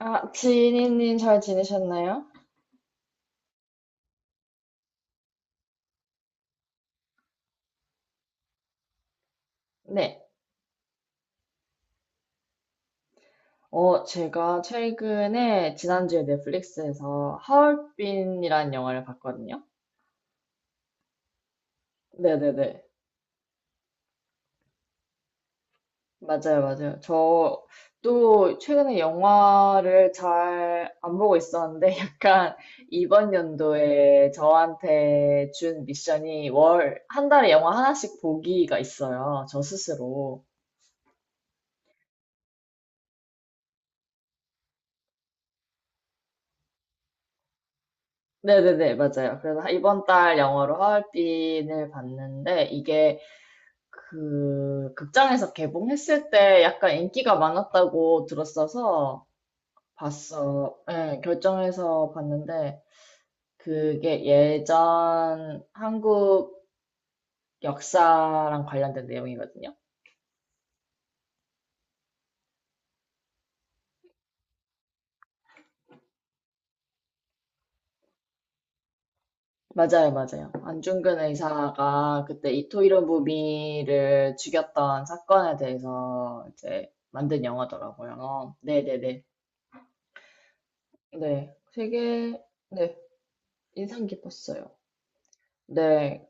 아, 지니님 잘 지내셨나요? 네. 제가 최근에 지난주에 넷플릭스에서 하얼빈이라는 영화를 봤거든요. 네네네. 맞아요, 맞아요. 저 또 최근에 영화를 잘 안 보고 있었는데 약간 이번 연도에 저한테 준 미션이 월, 한 달에 영화 하나씩 보기가 있어요. 저 스스로. 네네네, 맞아요. 그래서 이번 달 영화로 하얼빈을 봤는데 이게 그 극장에서 개봉했을 때 약간 인기가 많았다고 들었어서 봤어. 예, 결정해서 봤는데 그게 예전 한국 역사랑 관련된 내용이거든요. 맞아요, 맞아요. 안중근 의사가 그때 이토 히로부미를 죽였던 사건에 대해서 이제 만든 영화더라고요. 네네네. 네. 네. 네, 되게, 네. 인상 깊었어요. 네.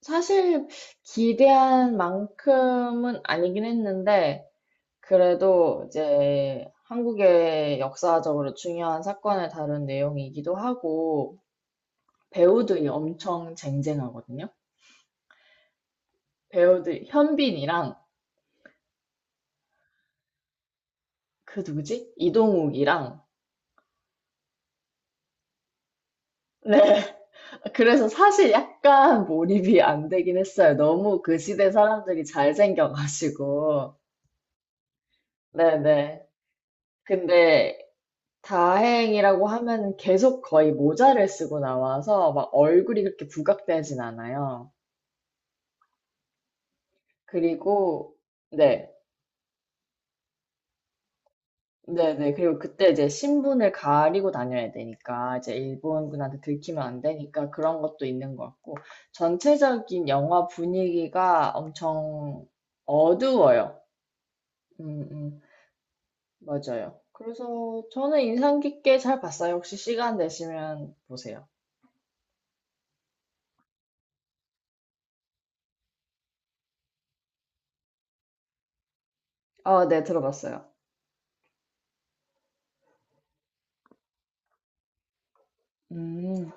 사실 기대한 만큼은 아니긴 했는데, 그래도 이제 한국의 역사적으로 중요한 사건을 다룬 내용이기도 하고, 배우들이 엄청 쟁쟁하거든요. 배우들, 현빈이랑, 그 누구지? 이동욱이랑, 네. 그래서 사실 약간 몰입이 안 되긴 했어요. 너무 그 시대 사람들이 잘생겨가지고. 네네. 근데 다행이라고 하면 계속 거의 모자를 쓰고 나와서 막 얼굴이 그렇게 부각되진 않아요. 그리고, 네. 네네. 그리고 그때 이제 신분을 가리고 다녀야 되니까, 이제 일본군한테 들키면 안 되니까 그런 것도 있는 것 같고, 전체적인 영화 분위기가 엄청 어두워요. 음, 음, 맞아요. 그래서 저는 인상 깊게 잘 봤어요. 혹시 시간 되시면 보세요. 아, 네, 들어봤어요. 음,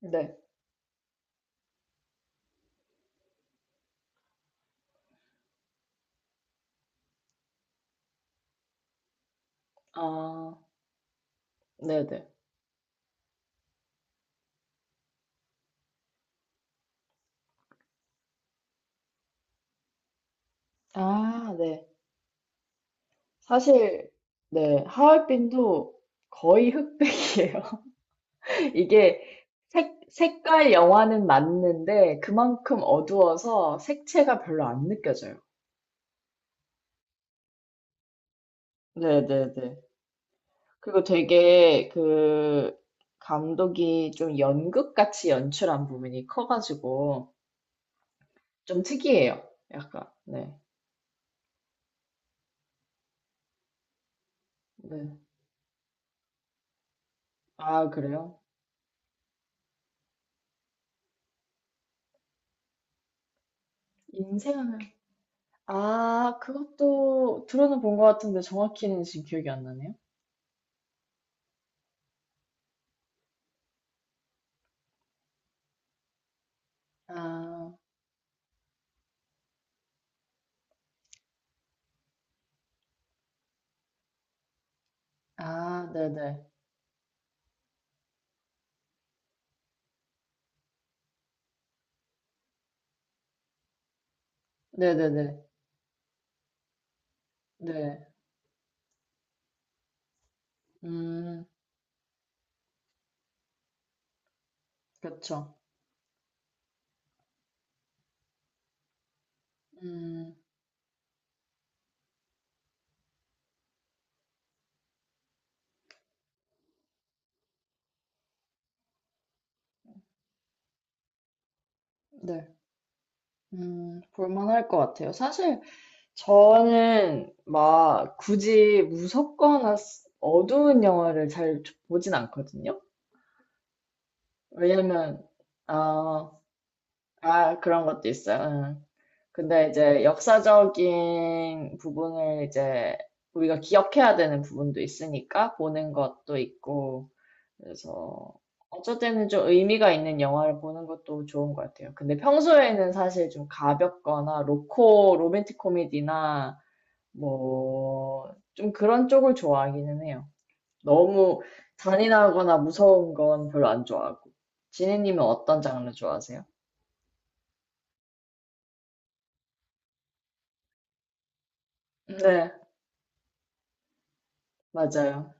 네. 아, 네네. 아, 네. 사실, 네. 하얼빈도 거의 흑백이에요. 이게 색깔 영화는 맞는데 그만큼 어두워서 색채가 별로 안 느껴져요. 네네네. 그리고 되게 그 감독이 좀 연극같이 연출한 부분이 커가지고 좀 특이해요. 약간, 네. 네. 아, 그래요? 인생은 아, 그것도 들어는 본 것 같은데 정확히는 지금 기억이 안 나네요. 아, 아, 네네. 네네네. 네. 음, 그렇죠. 음, 네. 볼만할 것 같아요. 사실 저는 막 굳이 무섭거나 스- 어두운 영화를 잘 보진 않거든요. 왜냐면, 아, 아, 그런 것도 있어요. 응. 근데 이제 역사적인 부분을 이제 우리가 기억해야 되는 부분도 있으니까 보는 것도 있고, 그래서 어쨌든 좀 의미가 있는 영화를 보는 것도 좋은 것 같아요. 근데 평소에는 사실 좀 가볍거나 로맨틱 코미디나 뭐, 좀 그런 쪽을 좋아하기는 해요. 너무 잔인하거나 무서운 건 별로 안 좋아하고. 지니님은 어떤 장르 좋아하세요? 네, 맞아요.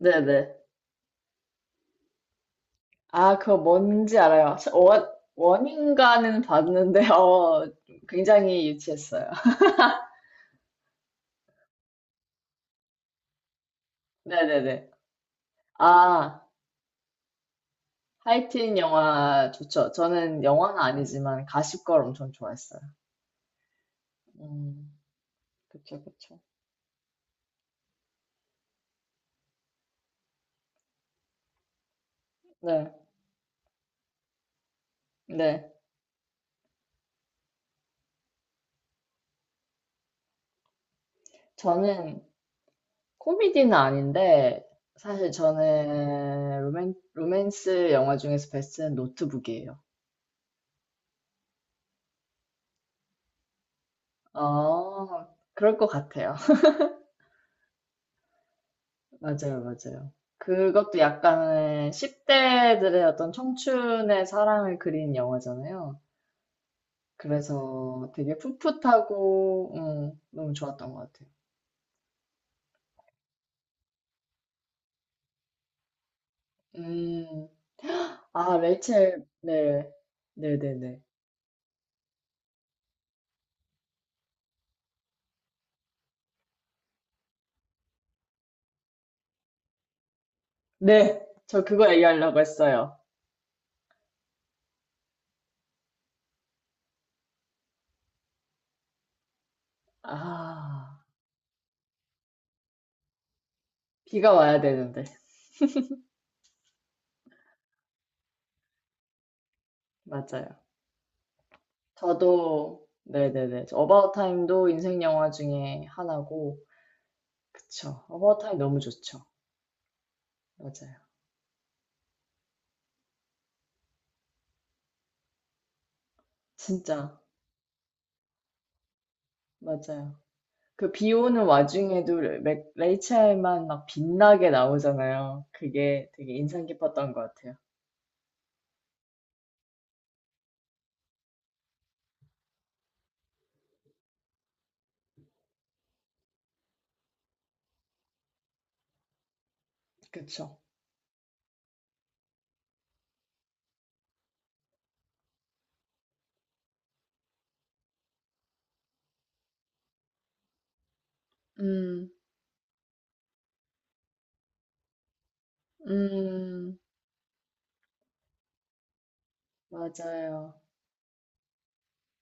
네네. 아, 그거 뭔지 알아요. 원인가는 봤는데, 어, 굉장히 유치했어요. 네네네. 아, 하이틴 영화 좋죠. 저는 영화는 아니지만 가십걸 엄청 좋아했어요. 음, 그쵸, 그쵸. 네, 네. 저는 코미디는 아닌데, 사실 저는 로맨스 영화 중에서 베스트는 노트북이에요. 어, 그럴 것 같아요. 맞아요, 맞아요. 그것도 약간은 10대들의 어떤 청춘의 사랑을 그린 영화잖아요. 그래서 되게 풋풋하고, 너무 좋았던 것 같아요. 음, 아, 레이첼, 네. 네네네. 네, 저 그거 얘기하려고 했어요. 아, 비가 와야 되는데. 맞아요. 저도, 네네네. 어바웃 타임도 인생 영화 중에 하나고, 그쵸. 어바웃 타임 너무 좋죠. 맞아요. 진짜, 맞아요. 그 비 오는 와중에도 레- 레이첼만 막 빛나게 나오잖아요. 그게 되게 인상 깊었던 것 같아요. 그쵸? 음, 음, 맞아요.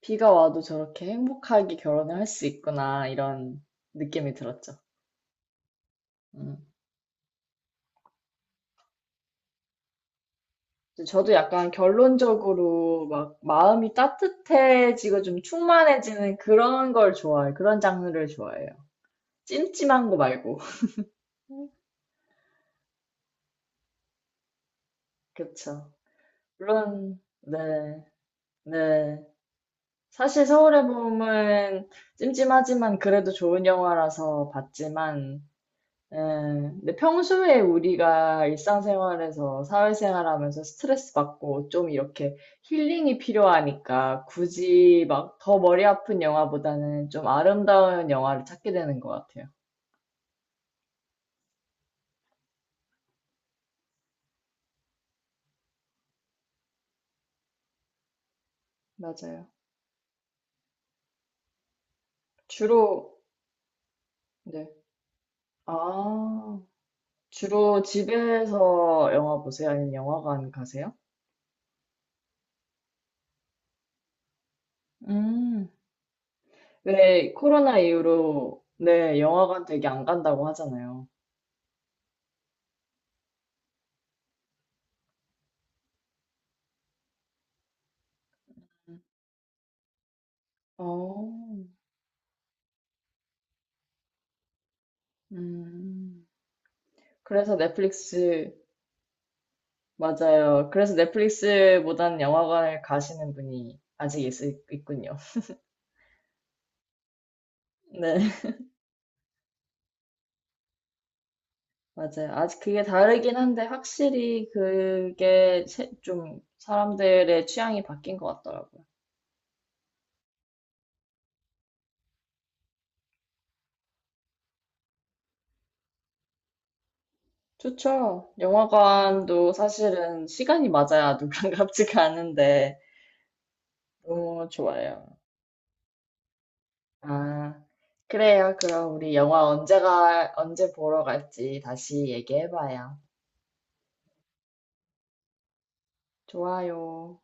비가 와도 저렇게 행복하게 결혼을 할 수 있구나, 이런 느낌이 들었죠. 음. 근데 저도 약간 결론적으로 막 마음이 따뜻해지고 좀 충만해지는 그런 걸 좋아해요. 그런 장르를 좋아해요. 찜찜한 거 말고. 그쵸. 물론, 네, 네. 사실 서울의 봄은 찜찜하지만 그래도 좋은 영화라서 봤지만, 근데 평소에 우리가 일상생활에서 사회생활하면서 스트레스 받고 좀 이렇게 힐링이 필요하니까 굳이 막 더 머리 아픈 영화보다는 좀 아름다운 영화를 찾게 되는 것 같아요. 맞아요. 주로, 네. 아, 주로 집에서 영화 보세요? 아니면 영화관 가세요? 음. 왜 코로나 이후로 네, 영화관 되게 안 간다고 하잖아요. 어, 음. 그래서 넷플릭스, 맞아요. 그래서 넷플릭스보단 영화관을 가시는 분이 아직 있, 있군요. 네, 맞아요. 아직 그게 다르긴 한데, 확실히 그게 세- 좀 사람들의 취향이 바뀐 것 같더라고요. 좋죠. 영화관도 사실은 시간이 맞아야 누가갑 같이 가는데, 너무 좋아요. 아, 그래요. 그럼 우리 영화 언제가, 언제 보러 갈지 다시 얘기해봐요. 좋아요.